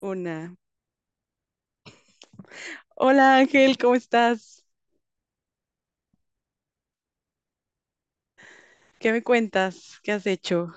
Una. Hola Ángel, ¿cómo estás? ¿Qué me cuentas? ¿Qué has hecho?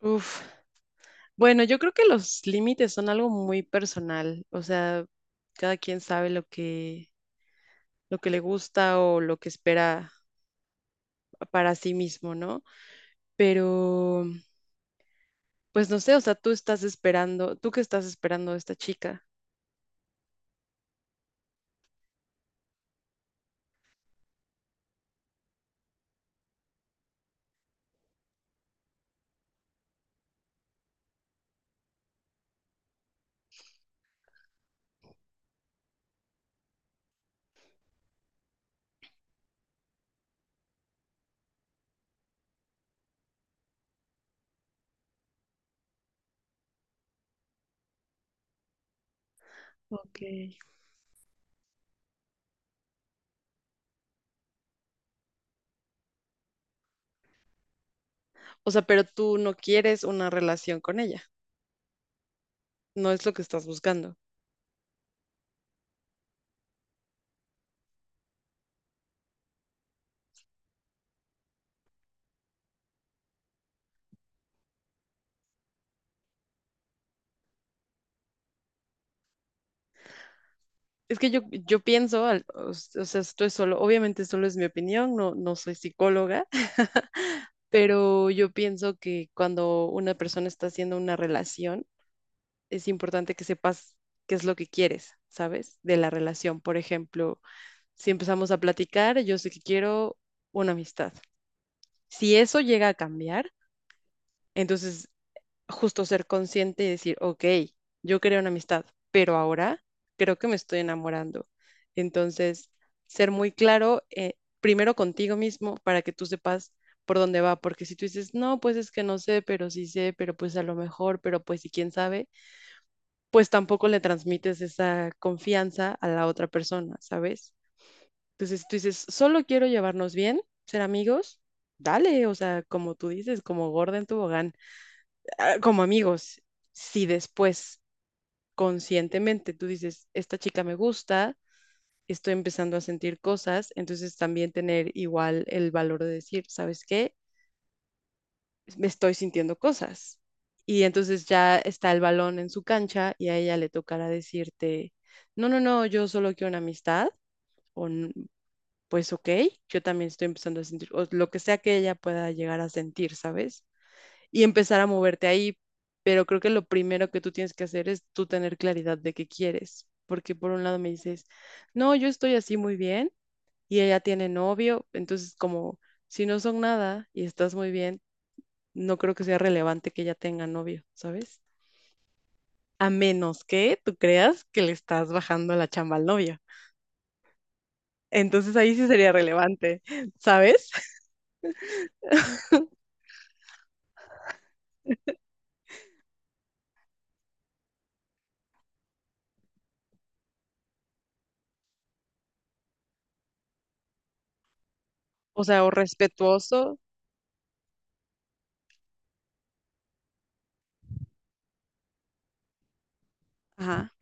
Uf. Bueno, yo creo que los límites son algo muy personal. O sea, cada quien sabe lo que le gusta o lo que espera para sí mismo, ¿no? Pero, pues no sé, o sea, tú estás esperando, ¿tú qué estás esperando de esta chica? Ok. O sea, pero tú no quieres una relación con ella. No es lo que estás buscando. Es que yo pienso, o sea, esto es solo, obviamente solo es mi opinión, no, no soy psicóloga, pero yo pienso que cuando una persona está haciendo una relación, es importante que sepas qué es lo que quieres, ¿sabes? De la relación. Por ejemplo, si empezamos a platicar, yo sé que quiero una amistad. Si eso llega a cambiar, entonces justo ser consciente y decir, ok, yo quería una amistad, pero ahora creo que me estoy enamorando. Entonces, ser muy claro, primero contigo mismo, para que tú sepas por dónde va, porque si tú dices, no, pues es que no sé, pero sí sé, pero pues a lo mejor, pero pues y quién sabe, pues tampoco le transmites esa confianza a la otra persona, ¿sabes? Entonces, tú dices, solo quiero llevarnos bien, ser amigos, dale, o sea, como tú dices, como gorda en tobogán, como amigos, si después conscientemente tú dices, esta chica me gusta, estoy empezando a sentir cosas, entonces también tener igual el valor de decir, ¿sabes qué? Me estoy sintiendo cosas. Y entonces ya está el balón en su cancha y a ella le tocará decirte, no, no, no, yo solo quiero una amistad, o "N- pues ok, yo también estoy empezando a sentir, o lo que sea que ella pueda llegar a sentir, ¿sabes? Y empezar a moverte ahí. Pero creo que lo primero que tú tienes que hacer es tú tener claridad de qué quieres. Porque por un lado me dices, no, yo estoy así muy bien y ella tiene novio. Entonces, como si no son nada y estás muy bien, no creo que sea relevante que ella tenga novio, ¿sabes? A menos que tú creas que le estás bajando la chamba al novio. Entonces ahí sí sería relevante, ¿sabes? O sea, o respetuoso. Ajá.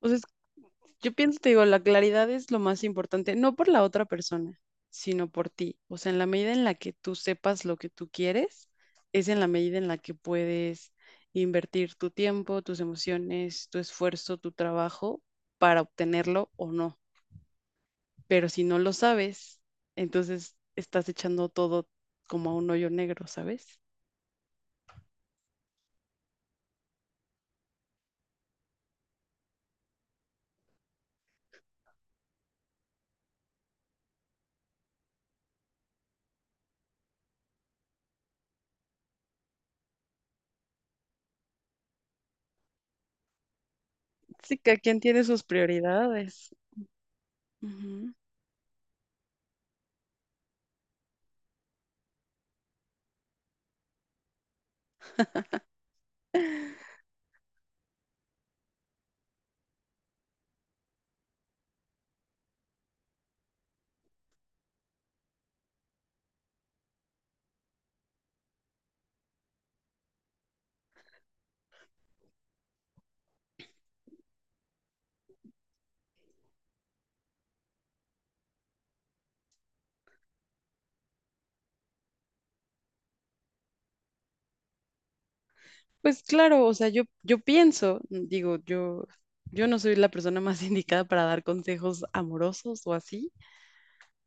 O sea, yo pienso, te digo, la claridad es lo más importante, no por la otra persona, sino por ti. O sea, en la medida en la que tú sepas lo que tú quieres, es en la medida en la que puedes invertir tu tiempo, tus emociones, tu esfuerzo, tu trabajo para obtenerlo o no. Pero si no lo sabes, entonces estás echando todo como a un hoyo negro, ¿sabes? Sí, cada quien tiene sus prioridades. Ujú. Pues claro, o sea, yo pienso, digo, yo no soy la persona más indicada para dar consejos amorosos o así,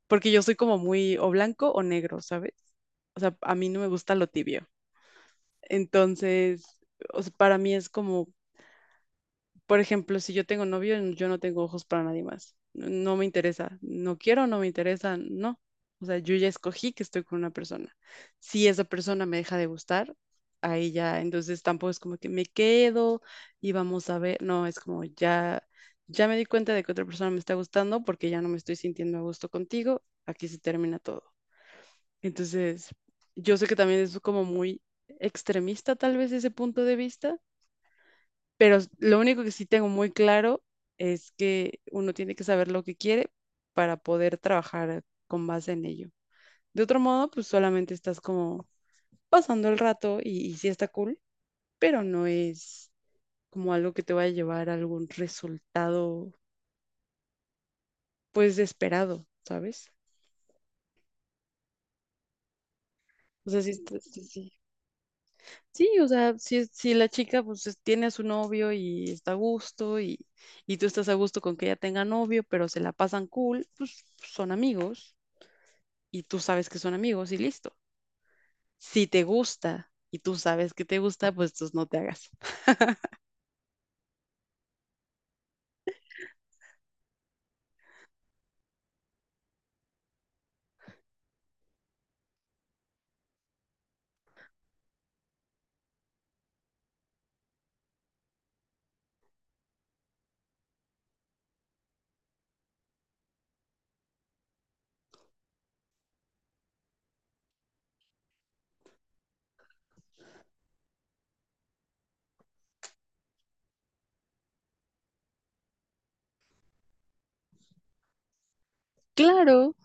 porque yo soy como muy o blanco o negro, ¿sabes? O sea, a mí no me gusta lo tibio. Entonces, o sea, para mí es como por ejemplo, si yo tengo novio, yo no tengo ojos para nadie más. No me interesa. No quiero, no me interesa, no. O sea, yo ya escogí que estoy con una persona. Si esa persona me deja de gustar, ahí ya, entonces tampoco es como que me quedo y vamos a ver. No, es como ya, ya me di cuenta de que otra persona me está gustando porque ya no me estoy sintiendo a gusto contigo. Aquí se termina todo. Entonces, yo sé que también es como muy extremista tal vez ese punto de vista, pero lo único que sí tengo muy claro es que uno tiene que saber lo que quiere para poder trabajar con base en ello. De otro modo, pues solamente estás como pasando el rato y sí está cool, pero no es como algo que te vaya a llevar a algún resultado pues esperado, ¿sabes? O sea, sí, sí, sí. Sí, o sea, si la chica pues tiene a su novio y está a gusto y tú estás a gusto con que ella tenga novio, pero se la pasan cool, pues son amigos. Y tú sabes que son amigos y listo. Si te gusta y tú sabes que te gusta, pues tú no te hagas. Claro,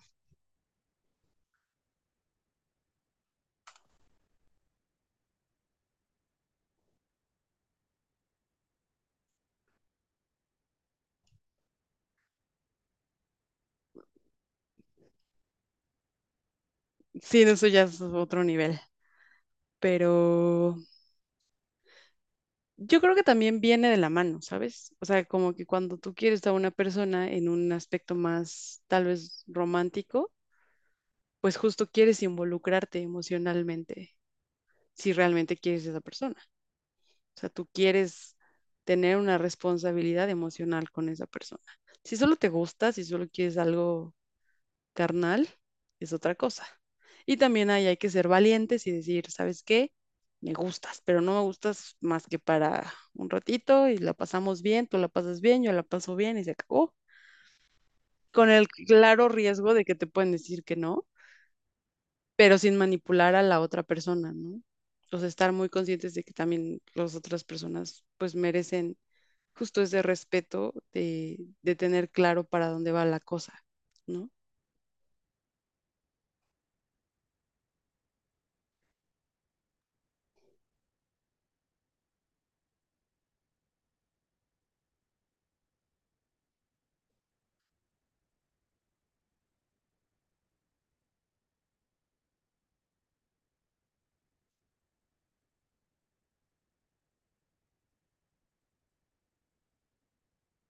sí, eso ya es otro nivel, pero yo creo que también viene de la mano, ¿sabes? O sea, como que cuando tú quieres a una persona en un aspecto más tal vez romántico, pues justo quieres involucrarte emocionalmente si realmente quieres a esa persona. O sea, tú quieres tener una responsabilidad emocional con esa persona. Si solo te gusta, si solo quieres algo carnal, es otra cosa. Y también ahí hay que ser valientes y decir, ¿sabes qué? Me gustas, pero no me gustas más que para un ratito y la pasamos bien, tú la pasas bien, yo la paso bien y se acabó. Con el claro riesgo de que te pueden decir que no, pero sin manipular a la otra persona, ¿no? O sea, estar muy conscientes de que también las otras personas pues merecen justo ese respeto de tener claro para dónde va la cosa, ¿no?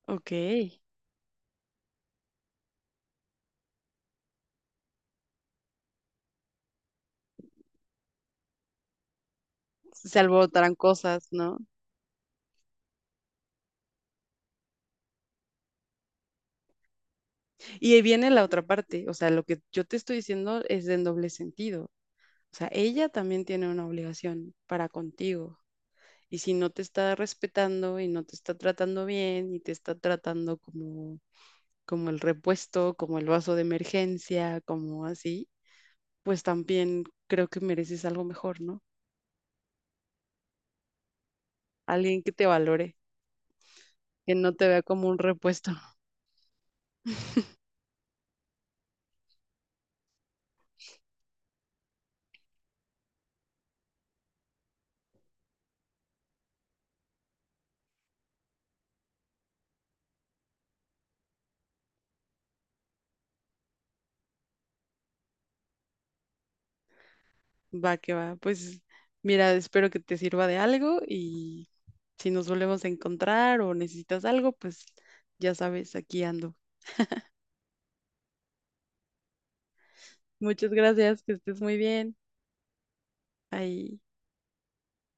Ok, se alborotarán cosas, ¿no? Y ahí viene la otra parte, o sea, lo que yo te estoy diciendo es de doble sentido. O sea, ella también tiene una obligación para contigo. Y si no te está respetando y no te está tratando bien y te está tratando como, como el repuesto, como el vaso de emergencia, como así, pues también creo que mereces algo mejor, ¿no? Alguien que te valore, que no te vea como un repuesto. Va que va. Pues mira, espero que te sirva de algo y si nos volvemos a encontrar o necesitas algo, pues ya sabes, aquí ando. Muchas gracias, que estés muy bien. Ahí.